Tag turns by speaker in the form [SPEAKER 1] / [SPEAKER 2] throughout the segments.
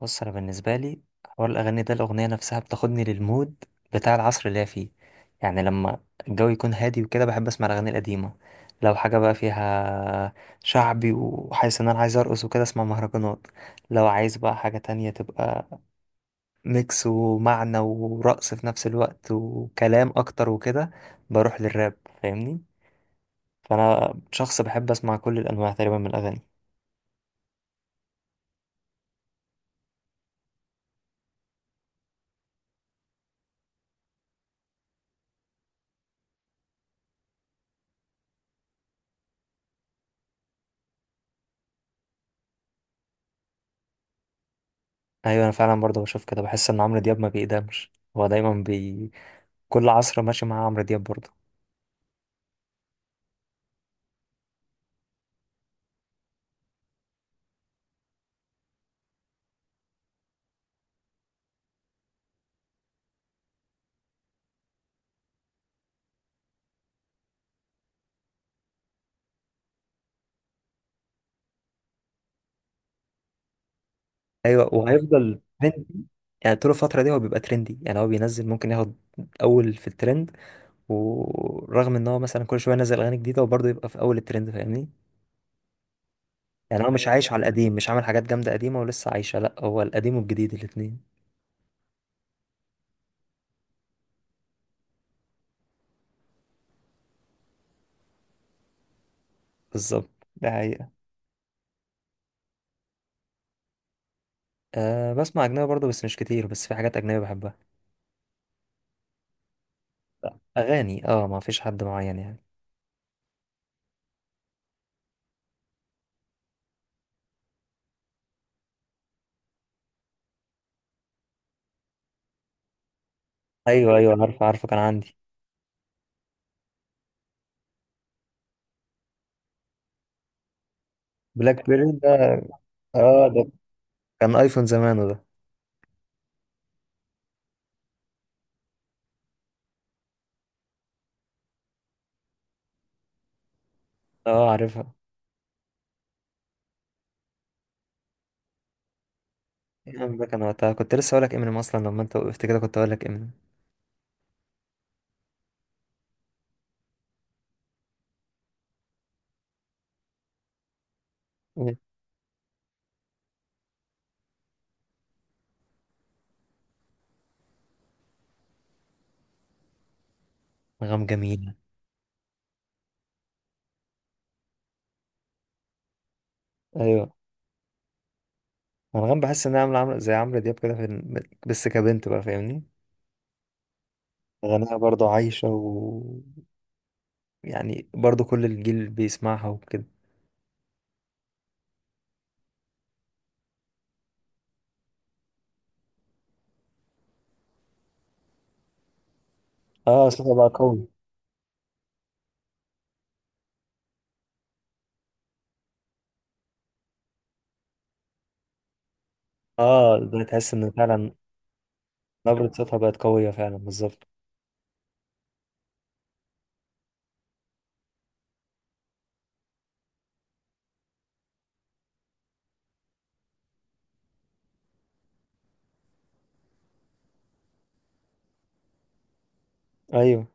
[SPEAKER 1] بص، انا بالنسبه لي حوار الاغاني ده الاغنيه نفسها بتاخدني للمود بتاع العصر اللي هي فيه. يعني لما الجو يكون هادي وكده، بحب اسمع الاغاني القديمه. لو حاجه بقى فيها شعبي وحاسس ان انا عايز ارقص وكده، اسمع مهرجانات. لو عايز بقى حاجه تانية تبقى ميكس ومعنى ورقص في نفس الوقت وكلام اكتر وكده، بروح للراب. فاهمني؟ فانا شخص بحب اسمع كل الانواع تقريبا من الاغاني. ايوه، انا فعلا برضه بشوف كده. بحس ان عمرو دياب ما بيقدمش، هو دايما كل عصر ماشي معاه عمرو دياب برضه. ايوه، وهيفضل ترند. يعني طول الفتره دي هو بيبقى ترندي، يعني هو بينزل ممكن ياخد اول في الترند. ورغم ان هو مثلا كل شويه ينزل اغاني جديده، وبرضه يبقى في اول الترند، فاهمني؟ يعني هو مش عايش على القديم، مش عامل حاجات جامده قديمه ولسه عايشه. لا، هو القديم والجديد الاتنين. بالظبط، ده حقيقة. أه، بسمع أجنبي برضه بس مش كتير، بس في حاجات أجنبية بحبها. أغاني، أه، ما فيش حد معين يعني. أيوه أيوه، عارفه عارفه، كان عندي بلاك بيري ده. أه، ده كان أيفون زمانه ده. أه، عارفها. انغام ده كان وقتها، كنت لسه هقولك امينيم، اصلا لما انت وقفت كده كنت هقولك امينيم. مم. انغام جميلة. ايوه، انغام بحس انها عاملة عاملة زي عمرو دياب كده في ال-، بس كبنت بقى، فاهمني؟ غناها برضه عايشة و... يعني برضه كل الجيل بيسمعها وكده. اه، صوتها بقى قوي. اه، ده تحس ان فعلا نبرة صوتها بقت قوية فعلا، بالظبط. ايوه،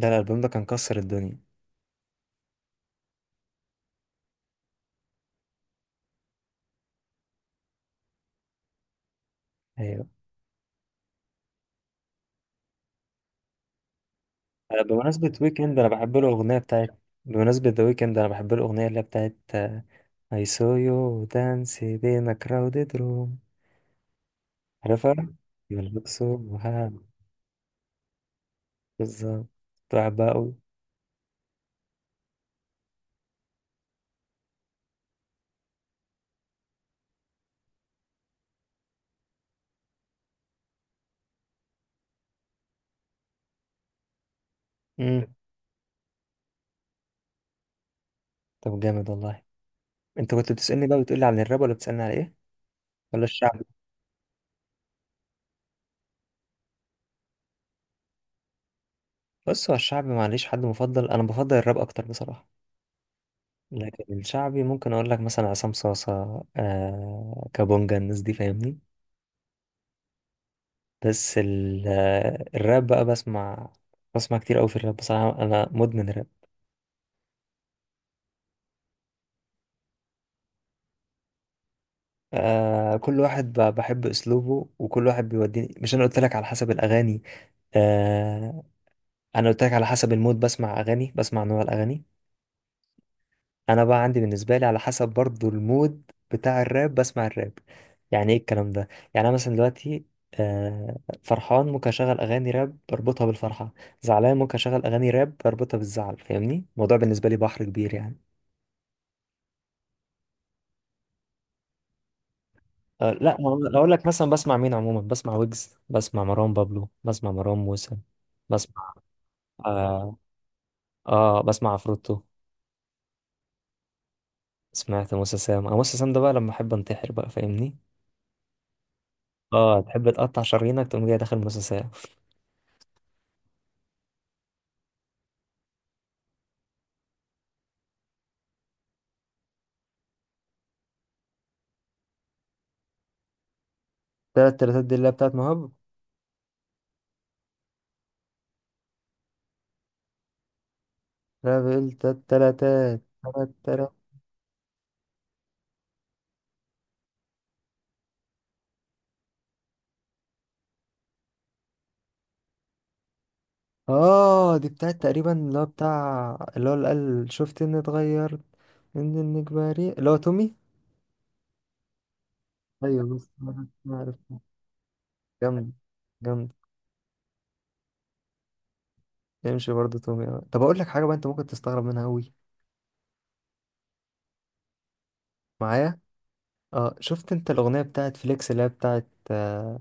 [SPEAKER 1] ده الالبوم ده كان كسر الدنيا. ايوه. بمناسبة ويكند انا بحب له الاغنية بتاعت، بمناسبة ذا ويكند انا بحب له الاغنية اللي هي بتاعت I saw you dance in a crowded room، عارفها؟ يلبسوها. بالظبط، كنت بحبها أوي. مم. طب جامد والله. أنت كنت بتسألني بقى بتقولي عن الراب ولا بتسألني على إيه؟ ولا الشعبي؟ بص، هو الشعبي معليش حد مفضل، أنا بفضل الراب أكتر بصراحة. لكن الشعبي ممكن أقول لك مثلا عصام صاصة، آه، كابونجا، الناس دي، فاهمني؟ بس ال-، الراب بقى بسمع، بسمع كتير أوي في الراب بصراحة، أنا مدمن راب. آه، كل واحد ب- بحب اسلوبه، وكل واحد بيوديني. مش انا قلت لك على حسب الاغاني؟ آه. انا قلت لك على حسب المود بسمع اغاني، بسمع نوع الاغاني. انا بقى عندي بالنسبه لي على حسب برضو المود بتاع الراب بسمع الراب. يعني ايه الكلام ده؟ يعني انا مثلا دلوقتي آه فرحان، ممكن اشغل اغاني راب بربطها بالفرحه. زعلان، ممكن اشغل اغاني راب بربطها بالزعل، فاهمني؟ الموضوع بالنسبه لي بحر كبير يعني. آه لا، ما أنا-، لو اقول لك مثلا بسمع مين عموما، بسمع ويجز، بسمع مروان بابلو، بسمع مروان موسى، بسمع آه, اه بسمع عفروتو. سمعت موسى سام. آه، موسى سام ده بقى لما احب انتحر بقى، فاهمني؟ اه، تحب تقطع شرايينك تقوم جاي داخل موسى سام. تلات تلاتات دي اللي هي بتاعت مهاب. لا، بقول تلات تلاتات، تلات تلات. اه، دي بتاعت تقريبا اللي هو بتاع اللي هو اللي قال "شفت اني اتغيرت من انك بريء"، اللي هو تومي. ايوه، بس ما عرفتها. جامد، جامد. يمشي برضه تومي. آه. طب اقول لك حاجه بقى، انت ممكن تستغرب منها قوي معايا. اه، شفت انت الاغنيه بتاعت فليكس اللي هي بتاعت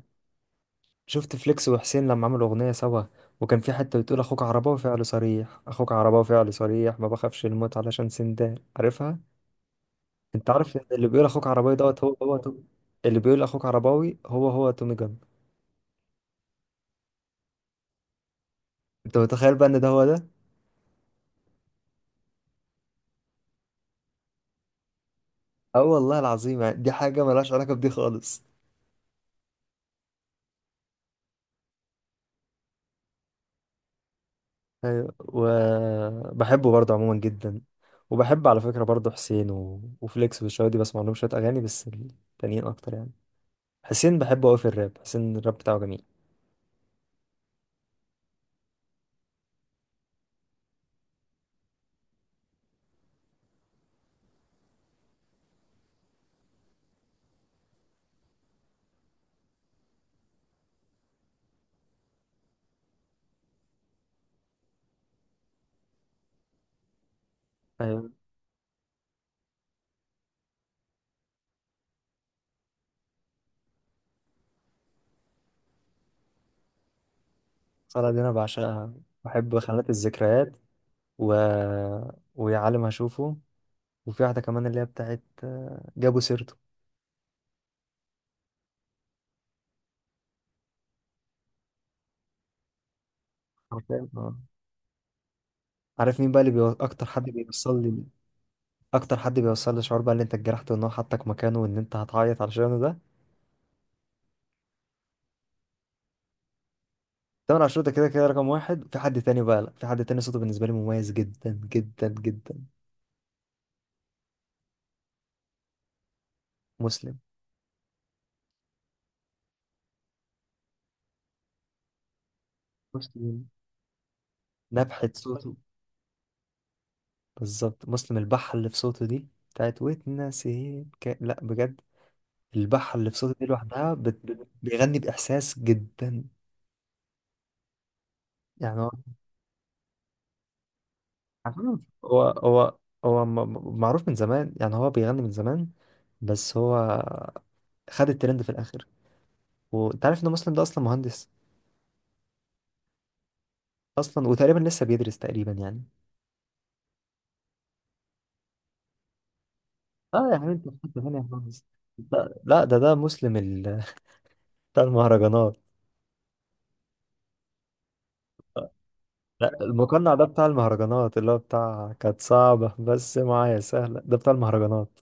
[SPEAKER 1] شفت فليكس وحسين لما عملوا أغنية سوا؟ وكان في حتة بتقول "أخوك عرباوي فعله صريح، أخوك عرباوي فعله صريح، ما بخافش الموت علشان سندان"، عارفها؟ أنت عارف إن اللي بيقول "أخوك عرباوي" دوت هو هو توم-، اللي بيقول "أخوك عرباوي" هو هو تومي جان. أنت متخيل بقى إن ده هو ده؟ أه والله العظيم، يعني دي حاجة ملهاش علاقة بدي خالص. أيوة. وبحبه برضه عموما جدا، وبحب على فكرة برضه حسين و... وفليكس، والشباب دي بسمع لهم شوية أغاني، بس التانيين أكتر يعني. حسين بحبه أوي في الراب، حسين الراب بتاعه جميل. أيوة. الصلاة دي أنا بعشقها. بحب "خانات الذكريات" و... "ويا عالم أشوفه"، وفي واحدة كمان اللي هي بتاعت "جابوا سيرته". عارفين؟ آه. عارف مين بقى اللي بيو-، أكتر حد بيوصل لي، أكتر حد بيوصل لي شعور بقى اللي أنت اتجرحت وإن هو حطك مكانه وإن أنت هتعيط علشانه ده؟ تامر عاشور. ده كده كده رقم واحد. في حد تاني بقى، لأ، في حد تاني صوته بالنسبة لي مميز جدا جدا جدا. مسلم. مسلم، نبحة صوته. بالظبط. مسلم، البحة اللي في صوته دي بتاعت "واتنسيت" ك-، لا بجد البحة اللي في صوتي دي لوحدها بت-، بت- بيغني بإحساس جدا. يعني هو، عارفين هو م- م- معروف من زمان، يعني هو بيغني من زمان، بس هو خد الترند في الآخر. وأنت عارف إن مسلم ده أصلا مهندس؟ أصلا وتقريبا لسه بيدرس تقريبا يعني. اه، يا حبيبي انت في حته ثانيه خالص. لا لا، ده مسلم ال-، بتاع المهرجانات. لا، المقنع ده بتاع المهرجانات، اللي هو بتاع "كانت صعبة بس معايا سهلة"، ده بتاع المهرجانات.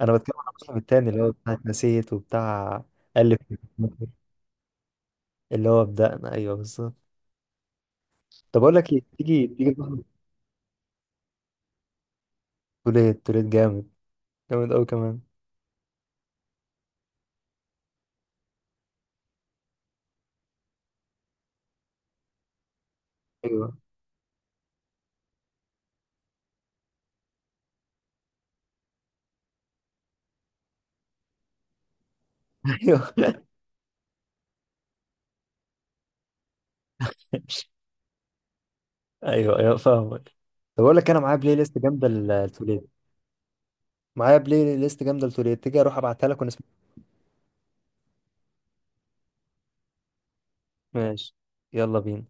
[SPEAKER 1] انا بتكلم عن الموسم التاني اللي هو بتاع "اتنسيت" وبتاع "الف"، اللي هو "بدأنا"، ايوه بالظبط. طب اقول لك ايه، تيجي تيجي نروح توليت. توليت جامد، جامد قوي كمان. ايوه. ايوه ايوه ايوه، فاهمك. طب اقول لك، انا معايا بلاي ليست جامده لتوليت، معايا بلاي ليست جامده لتوليت، تيجي اروح ابعتها لك ونسمع. ماشي. يلا بينا.